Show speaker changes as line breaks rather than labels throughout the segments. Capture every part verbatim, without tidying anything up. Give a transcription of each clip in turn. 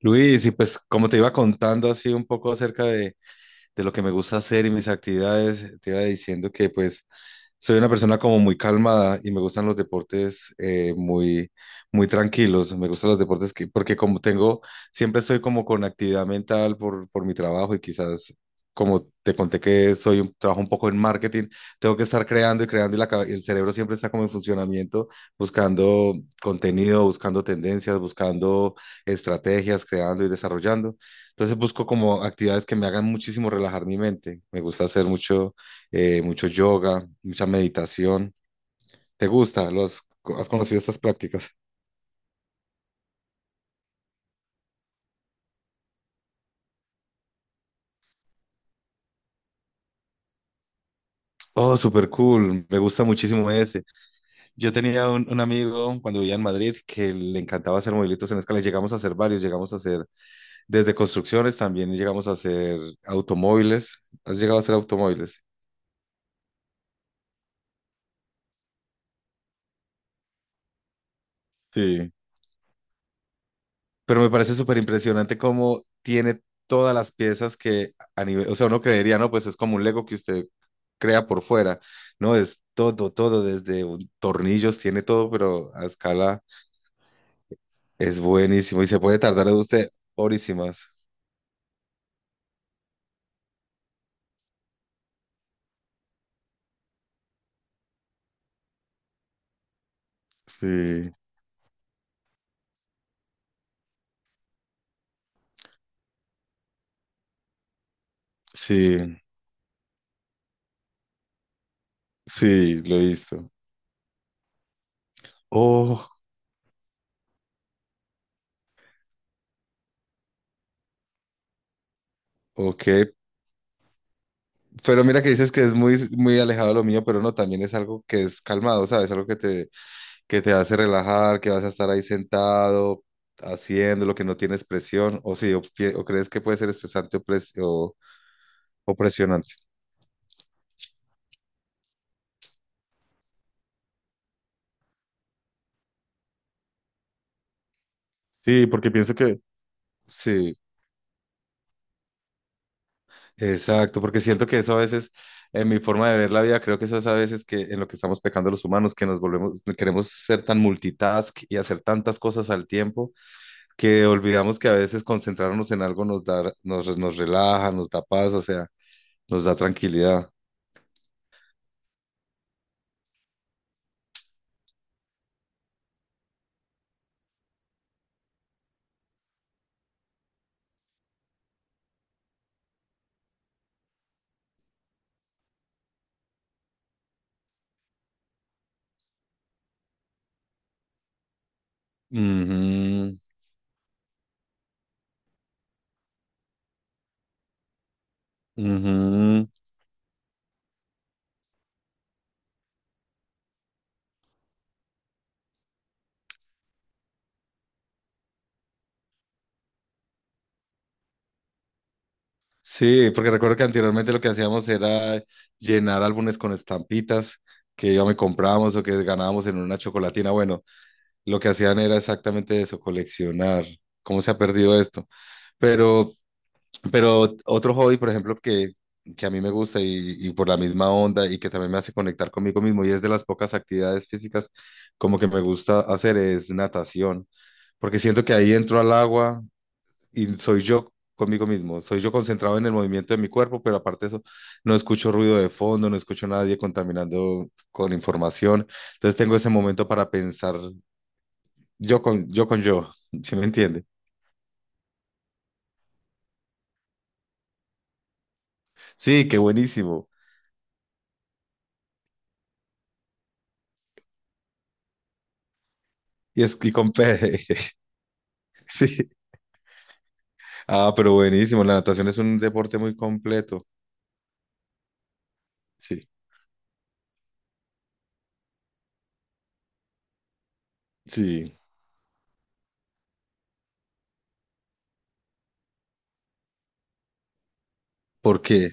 Luis, y pues como te iba contando así un poco acerca de, de lo que me gusta hacer y mis actividades, te iba diciendo que pues soy una persona como muy calmada y me gustan los deportes eh, muy, muy tranquilos. Me gustan los deportes que, porque como tengo, siempre estoy como con actividad mental por, por mi trabajo y quizás como te conté que soy un, trabajo un poco en marketing, tengo que estar creando y creando y la, cabe- el cerebro siempre está como en funcionamiento, buscando contenido, buscando tendencias, buscando estrategias, creando y desarrollando. Entonces busco como actividades que me hagan muchísimo relajar mi mente. Me gusta hacer mucho eh, mucho yoga, mucha meditación. ¿Te gusta? ¿Lo has, has conocido estas prácticas? Oh, súper cool. Me gusta muchísimo ese. Yo tenía un, un amigo cuando vivía en Madrid que le encantaba hacer movimientos en escala. Llegamos a hacer varios, llegamos a hacer desde construcciones, también llegamos a hacer automóviles. ¿Has llegado a hacer automóviles? Sí. Pero me parece súper impresionante cómo tiene todas las piezas que a nivel, o sea, uno creería, ¿no? Pues es como un Lego que usted crea por fuera, ¿no? Es todo, todo, desde un- tornillos, tiene todo, pero a escala es buenísimo y se puede tardar usted horísimas. Sí, sí, sí, lo he visto. Oh, ok. Pero mira que dices que es muy, muy alejado de lo mío, pero no, también es algo que es calmado, ¿sabes? Algo que te, que te hace relajar, que vas a estar ahí sentado, haciendo lo que no tienes presión, o sí, o, pi- o crees que puede ser estresante o, pres- o, o presionante. Sí, porque pienso que sí. Exacto, porque siento que eso a veces, en mi forma de ver la vida, creo que eso es a veces que en lo que estamos pecando los humanos, que nos volvemos, queremos ser tan multitask y hacer tantas cosas al tiempo, que olvidamos que a veces concentrarnos en algo nos da, nos, nos relaja, nos da paz, o sea, nos da tranquilidad. Ujú, ujú. Sí, porque recuerdo que anteriormente lo que hacíamos era llenar álbumes con estampitas que ya me comprábamos o que ganábamos en una chocolatina. Bueno, lo que hacían era exactamente eso, coleccionar. ¿Cómo se ha perdido esto? Pero, pero otro hobby, por ejemplo, que, que a mí me gusta y, y por la misma onda y que también me hace conectar conmigo mismo y es de las pocas actividades físicas como que me gusta hacer es natación, porque siento que ahí entro al agua y soy yo conmigo mismo, soy yo concentrado en el movimiento de mi cuerpo, pero aparte de eso, no escucho ruido de fondo, no escucho a nadie contaminando con información, entonces tengo ese momento para pensar yo con yo, con yo, ¿sí me entiende? Sí, qué buenísimo. Y es y con P, sí. Ah, pero buenísimo. La natación es un deporte muy completo. Sí, sí. ¿Por qué?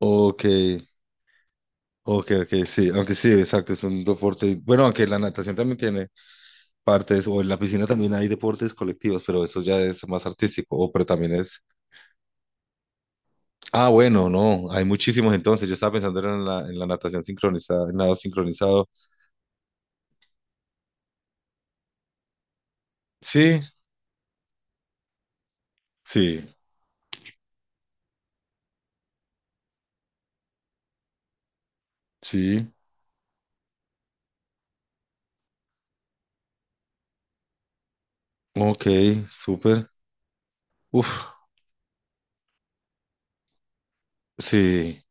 Ok, ok, ok, sí. Aunque sí, exacto, es un deporte. Bueno, aunque la natación también tiene partes, o en la piscina también hay deportes colectivos, pero eso ya es más artístico, o pero también es. Ah, bueno, no, hay muchísimos entonces. Yo estaba pensando era en la, en la natación sincronizada, en nado sincronizado. Sí, sí, sí. Ok, súper. Uf, sí.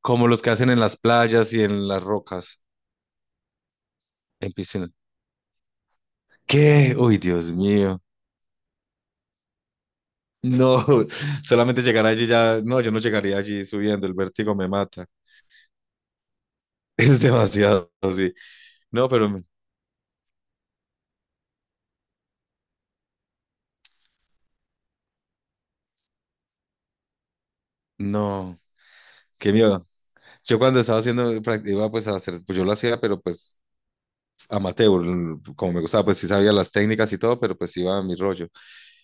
Como los que hacen en las playas y en las rocas, en piscina. ¿Qué? Uy, Dios mío. No, solamente llegar allí ya. No, yo no llegaría allí subiendo, el vértigo me mata. Es demasiado, sí. No, pero me- no, qué miedo. Yo cuando estaba haciendo práctica, pues a hacer, pues yo lo hacía, pero pues amateur, como me gustaba, pues sí sabía las técnicas y todo, pero pues iba a mi rollo.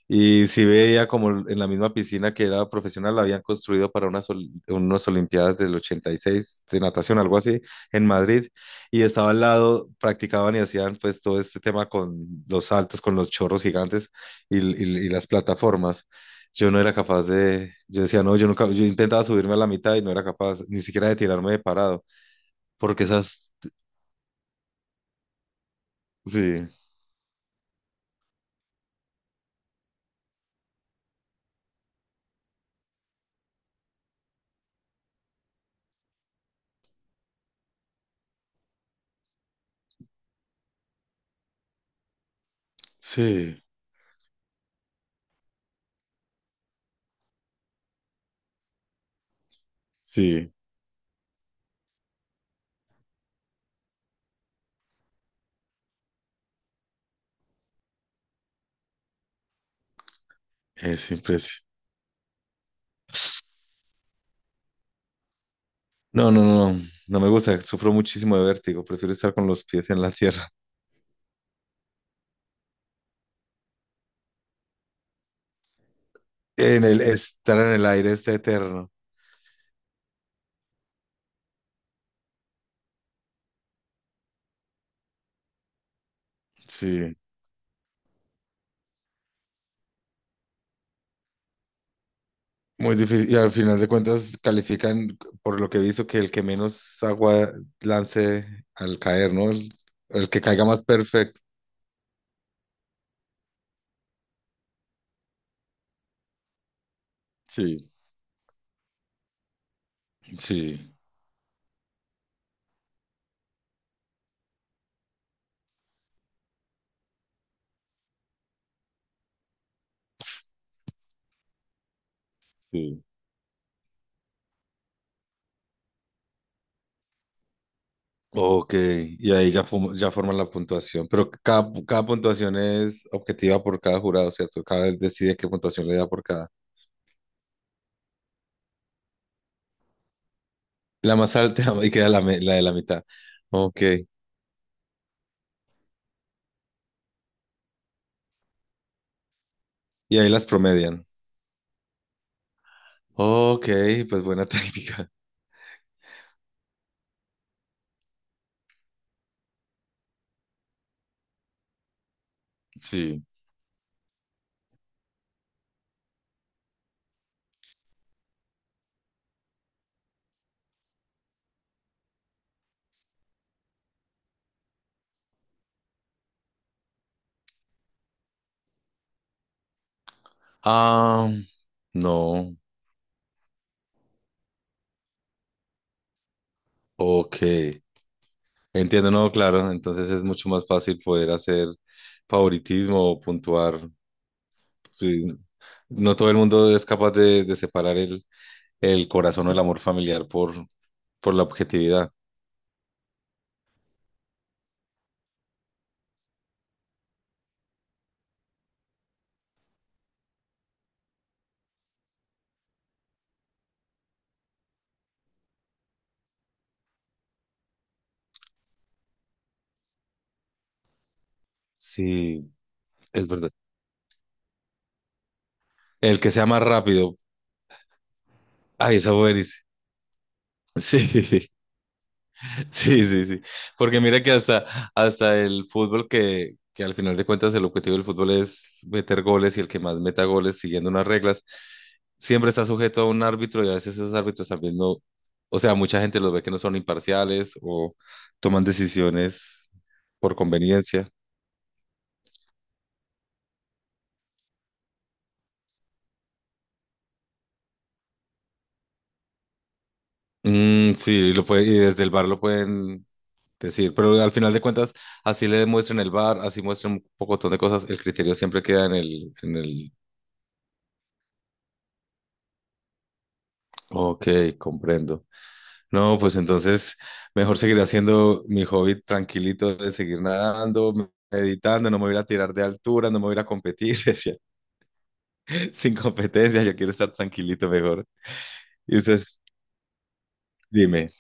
Y sí veía como en la misma piscina que era profesional, la habían construido para unas, ol- unas Olimpiadas del ochenta y seis de natación, algo así, en Madrid. Y estaba al lado, practicaban y hacían pues todo este tema con los saltos, con los chorros gigantes y, y- y las plataformas. Yo no era capaz de, yo decía, no, yo nunca, yo intentaba subirme a la mitad y no era capaz ni siquiera de tirarme de parado, porque esas, sí, sí, sí, es impresionante. No, no, no, no, no me gusta, sufro muchísimo de vértigo, prefiero estar con los pies en la tierra, en el estar en el aire está eterno. Sí, muy difícil. Y al final de cuentas califican, por lo que he visto, que el que menos agua lance al caer, ¿no? El, el que caiga más perfecto. Sí, sí, sí. Ok, y ahí ya, fumo- ya forman la puntuación, pero cada, cada puntuación es objetiva por cada jurado, ¿cierto? Cada vez decide qué puntuación le da por cada. La más alta y queda la, me- la de la mitad. Ok. Y ahí las promedian. Ok, pues buena técnica. Sí. Ah, no. Ok. Entiendo, no, claro. Entonces es mucho más fácil poder hacer favoritismo o puntuar. Sí. No todo el mundo es capaz de, de separar el, el corazón o el amor familiar por, por la objetividad. Sí, es verdad. El que sea más rápido. Ay, esa buenísima. Sí. Sí, sí, sí. Porque mira que hasta, hasta el fútbol, que, que al final de cuentas el objetivo del fútbol es meter goles y el que más meta goles siguiendo unas reglas, siempre está sujeto a un árbitro y a veces esos árbitros también no, o sea, mucha gente los ve que no son imparciales o toman decisiones por conveniencia. Mm, sí, lo puede, y desde el bar lo pueden decir, pero al final de cuentas, así le demuestren el bar, así muestran un pocotón de cosas, el criterio siempre queda en el, en el, ok, comprendo. No, pues entonces mejor seguir haciendo mi hobby tranquilito de seguir nadando, meditando, no me voy a ir a tirar de altura, no me voy a ir a competir, decía, sin competencia, yo quiero estar tranquilito mejor. Y ustedes, dime,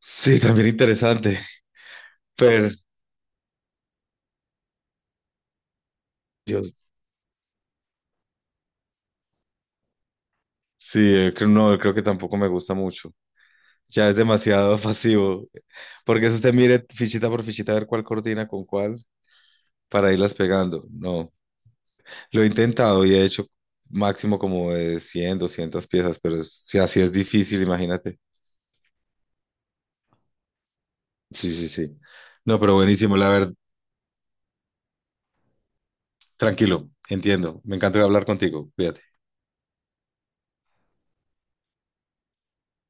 sí, también interesante, pero yo sí, eh, creo- no, creo que tampoco me gusta mucho. Ya es demasiado pasivo, porque eso usted mire fichita por fichita a ver cuál coordina con cuál para irlas pegando. No. Lo he intentado y he hecho máximo como de cien, doscientas piezas, pero es- si así es difícil, imagínate. Sí, sí, sí. No, pero buenísimo, la verdad, tranquilo, entiendo. Me encanta hablar contigo. Cuídate.